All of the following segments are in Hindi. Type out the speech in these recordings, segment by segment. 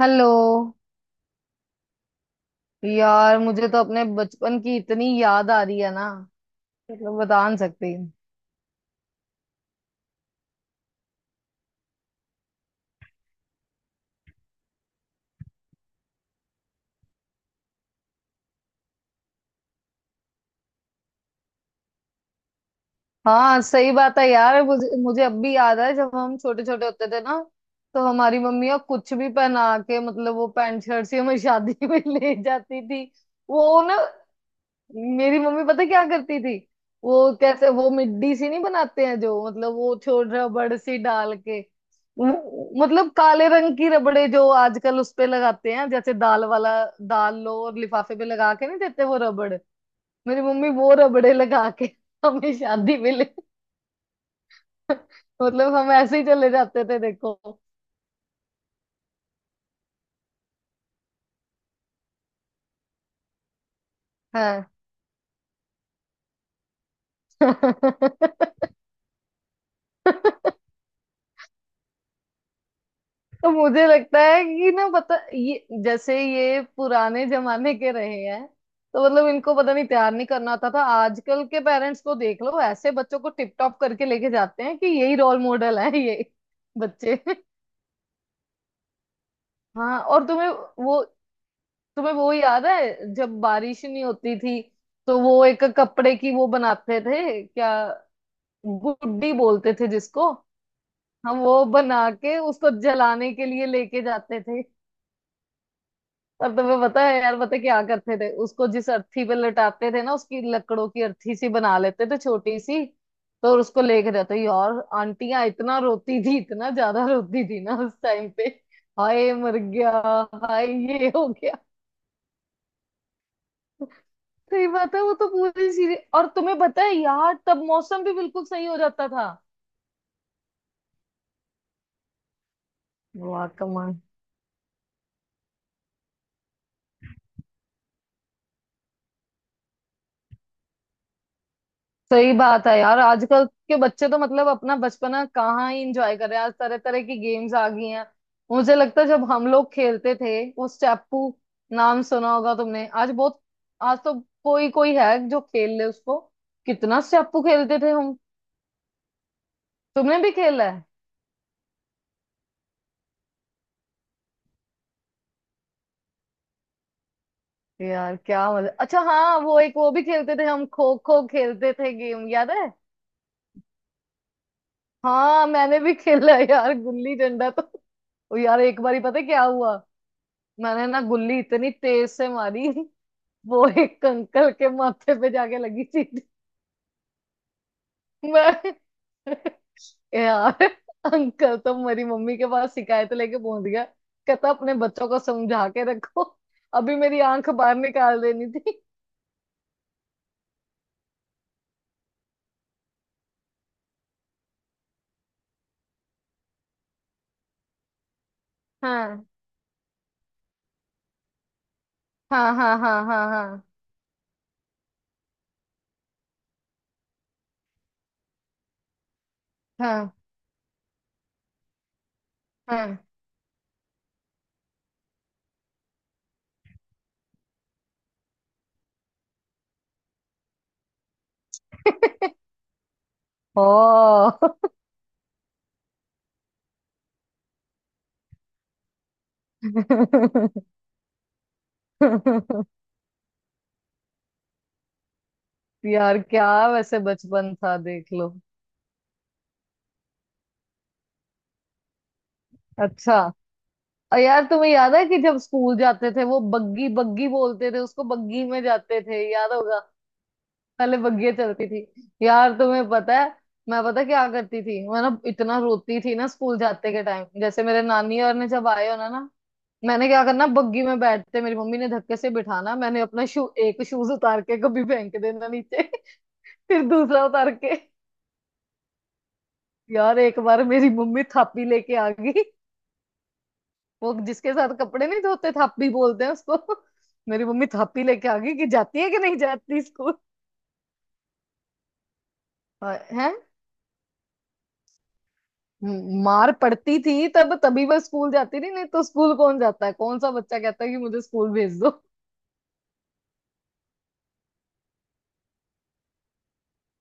हेलो। यार मुझे तो अपने बचपन की इतनी याद आ रही है ना, मतलब बता नहीं सकती। हाँ, सही बात है यार। मुझे मुझे अब भी याद है जब हम छोटे छोटे होते थे ना। तो हमारी मम्मियाँ कुछ भी पहना के, मतलब वो पैंट शर्ट से हमें शादी में ले जाती थी। वो ना, मेरी मम्मी पता क्या करती थी। वो कैसे वो मिड्डी सी नहीं बनाते हैं जो, मतलब वो छोड़ रबड़ सी डाल के। मतलब काले रंग की रबड़े जो आजकल उस पे लगाते हैं, जैसे दाल वाला। दाल लो और लिफाफे पे लगा के नहीं देते वो रबड़। मेरी मम्मी वो रबड़े लगा के हमें शादी में ले मतलब हम ऐसे ही चले जाते थे, देखो। हाँ तो मुझे लगता है कि ना पता, ये जैसे ये पुराने जमाने के रहे हैं। तो मतलब इनको पता नहीं, तैयार नहीं करना होता था। आजकल के पेरेंट्स को देख लो, ऐसे बच्चों को टिप टॉप करके लेके जाते हैं कि यही रोल मॉडल है ये बच्चे। हाँ। और वो तुम्हें वो याद है जब बारिश नहीं होती थी। तो वो एक कपड़े की वो बनाते थे क्या, गुड्डी बोलते थे जिसको। हम वो बना के उसको जलाने के लिए लेके जाते थे। और तुम्हें पता है यार, पता है क्या करते थे उसको? जिस अर्थी पे लटाते थे ना, उसकी लकड़ों की अर्थी सी बना लेते थे छोटी सी। तो उसको लेके जाते यार, आंटियां इतना रोती थी, इतना ज्यादा रोती थी ना उस टाइम पे। हाय मर गया। हाय ये हो गया। सही बात है, वो तो पूरी सीरीज। और तुम्हें पता है यार, तब मौसम भी बिल्कुल सही हो जाता था। वाह। सही बात है यार। आजकल के बच्चे तो मतलब अपना बचपना कहाँ ही इंजॉय कर रहे हैं, आज तरह तरह की गेम्स आ गई हैं। मुझे लगता है जब हम लोग खेलते थे वो स्टेपू, नाम सुना होगा तुमने। आज बहुत, आज तो कोई कोई है जो खेल ले उसको। कितना स्टेपू खेलते थे हम। तुमने भी खेला है। यार क्या मजा। अच्छा हाँ, वो भी खेलते थे, हम खो खो खेलते थे। गेम याद है? हाँ, मैंने भी खेला है यार गुल्ली डंडा तो। ओ यार, एक बारी पता है क्या हुआ? मैंने ना गुल्ली इतनी तेज से मारी। वो एक अंकल के माथे पे जाके लगी सीधी। मैं यार। अंकल तो मेरी मम्मी के पास शिकायत लेके पहुंच गया, कहता अपने बच्चों को समझा के रखो। अभी मेरी आंख बाहर निकाल देनी थी। हाँ, हाँ, हाँ, हाँ, हाँ, हाँ, हाँ, हाँ। ओ यार क्या, वैसे बचपन था देख लो। अच्छा। और यार तुम्हें याद है कि जब स्कूल जाते थे, वो बग्गी बग्गी बोलते थे उसको, बग्गी में जाते थे, याद होगा? पहले बग्गियां चलती थी। यार तुम्हें पता है, मैं पता क्या करती थी, मैं ना इतना रोती थी ना स्कूल जाते के टाइम, जैसे मेरे नानी और ने जब आए होना ना ना, मैंने क्या करना, बग्गी में बैठते मेरी मम्मी ने धक्के से बिठाना, मैंने अपना शू एक शूज उतार के कभी फेंक देना नीचे फिर दूसरा उतार के। यार एक बार मेरी मम्मी थापी लेके आ गई। वो जिसके साथ कपड़े नहीं धोते, थापी बोलते हैं उसको मेरी मम्मी थापी लेके आ गई कि जाती है कि नहीं जाती स्कूल। है। मार पड़ती थी तब तभी वह स्कूल जाती थी, नहीं तो स्कूल कौन जाता है, कौन सा बच्चा कहता है कि मुझे स्कूल भेज दो।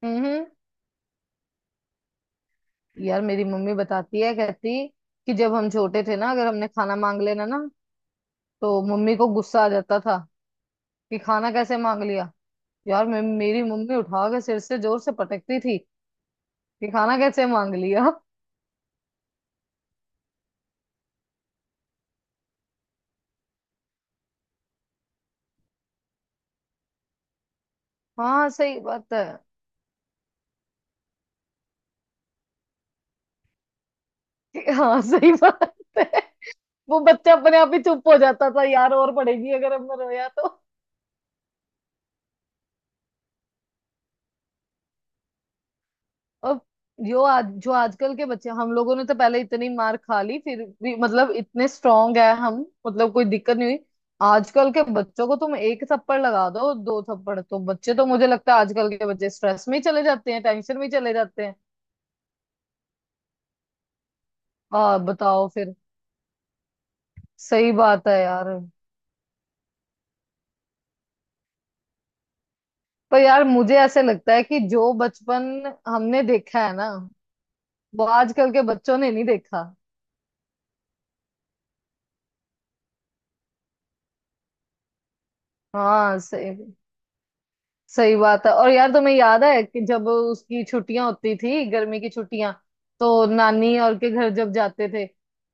हम्म। यार मेरी मम्मी बताती है, कहती कि जब हम छोटे थे ना, अगर हमने खाना मांग लेना ना, तो मम्मी को गुस्सा आ जाता था कि खाना कैसे मांग लिया। यार मे मेरी मम्मी उठा के सिर से जोर से पटकती थी। कि खाना कैसे मांग लिया। हाँ, सही बात है। हाँ, सही बात है। वो बच्चा अपने आप ही चुप हो जाता था यार, और पढ़ेगी अगर हमने रोया तो। अब जो आजकल के बच्चे, हम लोगों ने तो पहले इतनी मार खा ली, फिर भी मतलब इतने स्ट्रांग है हम। मतलब कोई दिक्कत नहीं हुई। आजकल के बच्चों को तुम एक थप्पड़ लगा दो, दो थप्पड़ तो, बच्चे तो मुझे लगता है आजकल के बच्चे स्ट्रेस में ही चले जाते हैं, टेंशन में ही चले जाते हैं। हाँ बताओ फिर। सही बात है यार। पर यार मुझे ऐसे लगता है कि जो बचपन हमने देखा है ना, वो आजकल के बच्चों ने नहीं देखा। हाँ सही, सही बात है। और यार तुम्हें याद है कि जब उसकी छुट्टियां होती थी, गर्मी की छुट्टियां, तो नानी और के घर जब जाते थे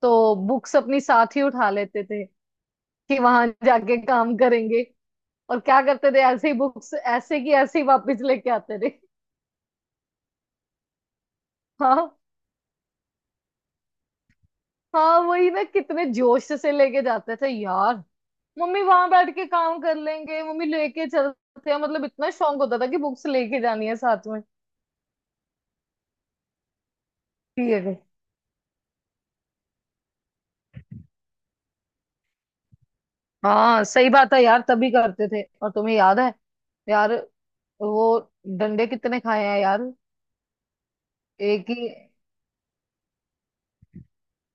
तो बुक्स अपनी साथ ही उठा लेते थे कि वहां जाके काम करेंगे। और क्या करते थे, ऐसे ही बुक्स ऐसे की ऐसे ही वापस लेके आते थे। हाँ, हाँ, वही ना। कितने जोश से लेके जाते थे यार। मम्मी, वहां बैठ के काम कर लेंगे मम्मी, लेके चलते हैं, मतलब इतना शौक होता था कि बुक्स लेके जानी है साथ में। ठीक है फिर। हाँ सही बात है यार, तभी करते थे। और तुम्हें याद है यार, वो डंडे कितने खाए हैं यार। एक ही,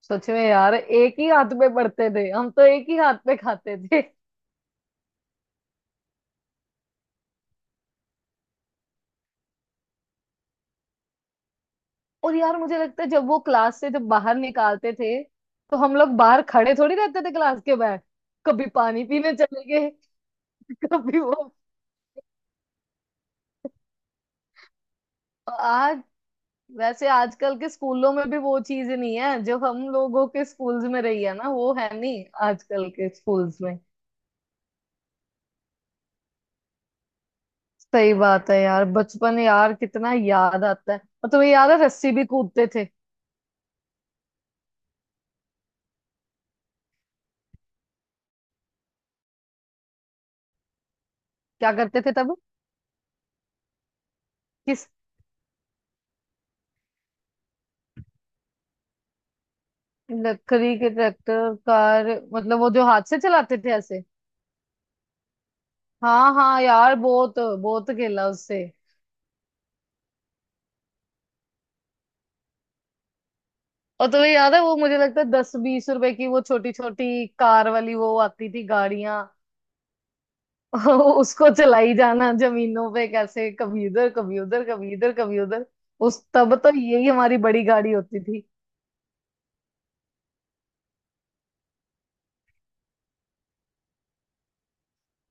सच में यार, एक ही हाथ में पड़ते थे, हम तो एक ही हाथ में खाते थे। और यार मुझे लगता है जब वो क्लास से जब बाहर निकालते थे, तो हम लोग बाहर खड़े थोड़ी रहते थे क्लास के बाहर। कभी पानी पीने चले गए कभी वो। आज वैसे आजकल के स्कूलों में भी वो चीज नहीं है जो हम लोगों के स्कूल्स में रही है ना, वो है नहीं आजकल के स्कूल्स में। सही बात है यार, बचपन यार कितना याद आता है। और तुम्हें याद है, रस्सी भी कूदते थे। क्या करते थे तब? किस? लकड़ी के ट्रैक्टर कार, मतलब वो जो हाथ से चलाते थे ऐसे? हाँ, हाँ, यार बहुत बहुत खेला उससे। और तुम्हें याद है, वो मुझे लगता है 10 20 रुपए की वो छोटी छोटी कार वाली वो आती थी गाड़ियां उसको चलाई जाना जमीनों पे कैसे, कभी उधर कभी उधर, कभी इधर कभी उधर। उस तब तो यही हमारी बड़ी गाड़ी होती थी।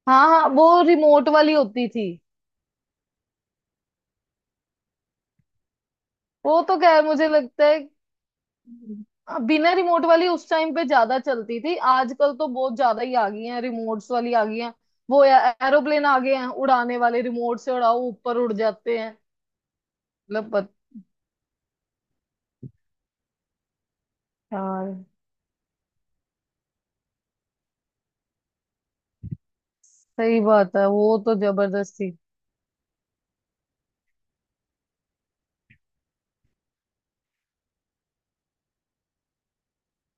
हाँ, हाँ, वो रिमोट वाली होती थी। वो तो क्या है, मुझे लगता है बिना रिमोट वाली उस टाइम पे ज्यादा चलती थी। आजकल तो बहुत ज्यादा ही आ गई हैं, रिमोट्स वाली आ गई हैं। वो एरोप्लेन आ गए हैं उड़ाने वाले, रिमोट से उड़ाओ ऊपर उड़ जाते हैं। मतलब यार। सही बात है, वो तो जबरदस्ती।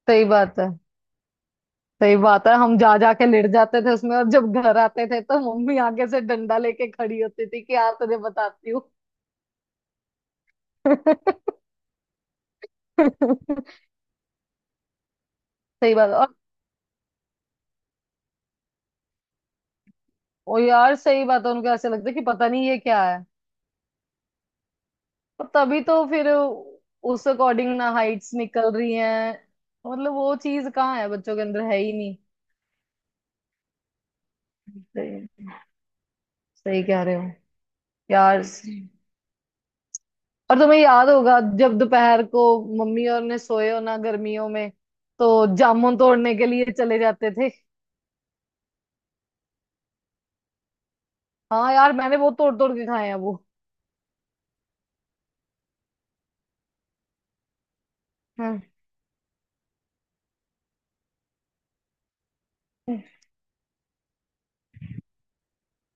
सही बात है। सही बात है। हम जा जा के लेट जाते थे उसमें, और जब घर आते थे तो मम्मी आगे से डंडा लेके खड़ी होती थी कि यार तुझे बताती हूँ सही बात है। और ओ यार, सही बात है, उनको ऐसे लगता है कि पता नहीं ये क्या। और तभी तो फिर, उस अकॉर्डिंग ना हाइट्स निकल रही हैं। मतलब वो चीज कहाँ है, बच्चों के अंदर है ही नहीं। सही, सही कह रहे हो यार। और तुम्हें याद होगा, जब दोपहर को मम्मी और ने सोए हो ना गर्मियों में। तो जामुन तोड़ने के लिए चले जाते थे। हाँ यार, मैंने वो तोड़ तोड़ के खाए हैं वो। हाँ,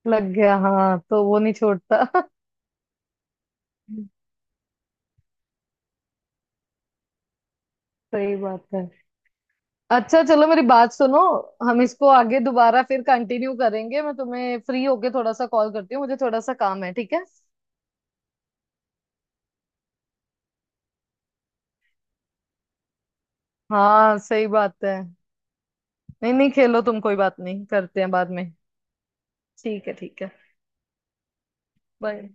लग गया। हाँ तो वो नहीं छोड़ता सही बात है। अच्छा चलो, मेरी बात सुनो। हम इसको आगे दोबारा फिर कंटिन्यू करेंगे, मैं तुम्हें फ्री होके थोड़ा सा कॉल करती हूँ, मुझे थोड़ा सा काम है, ठीक है? हाँ सही बात है। नहीं, नहीं, खेलो तुम, कोई बात नहीं, करते हैं बाद में। ठीक है, ठीक है। बाय।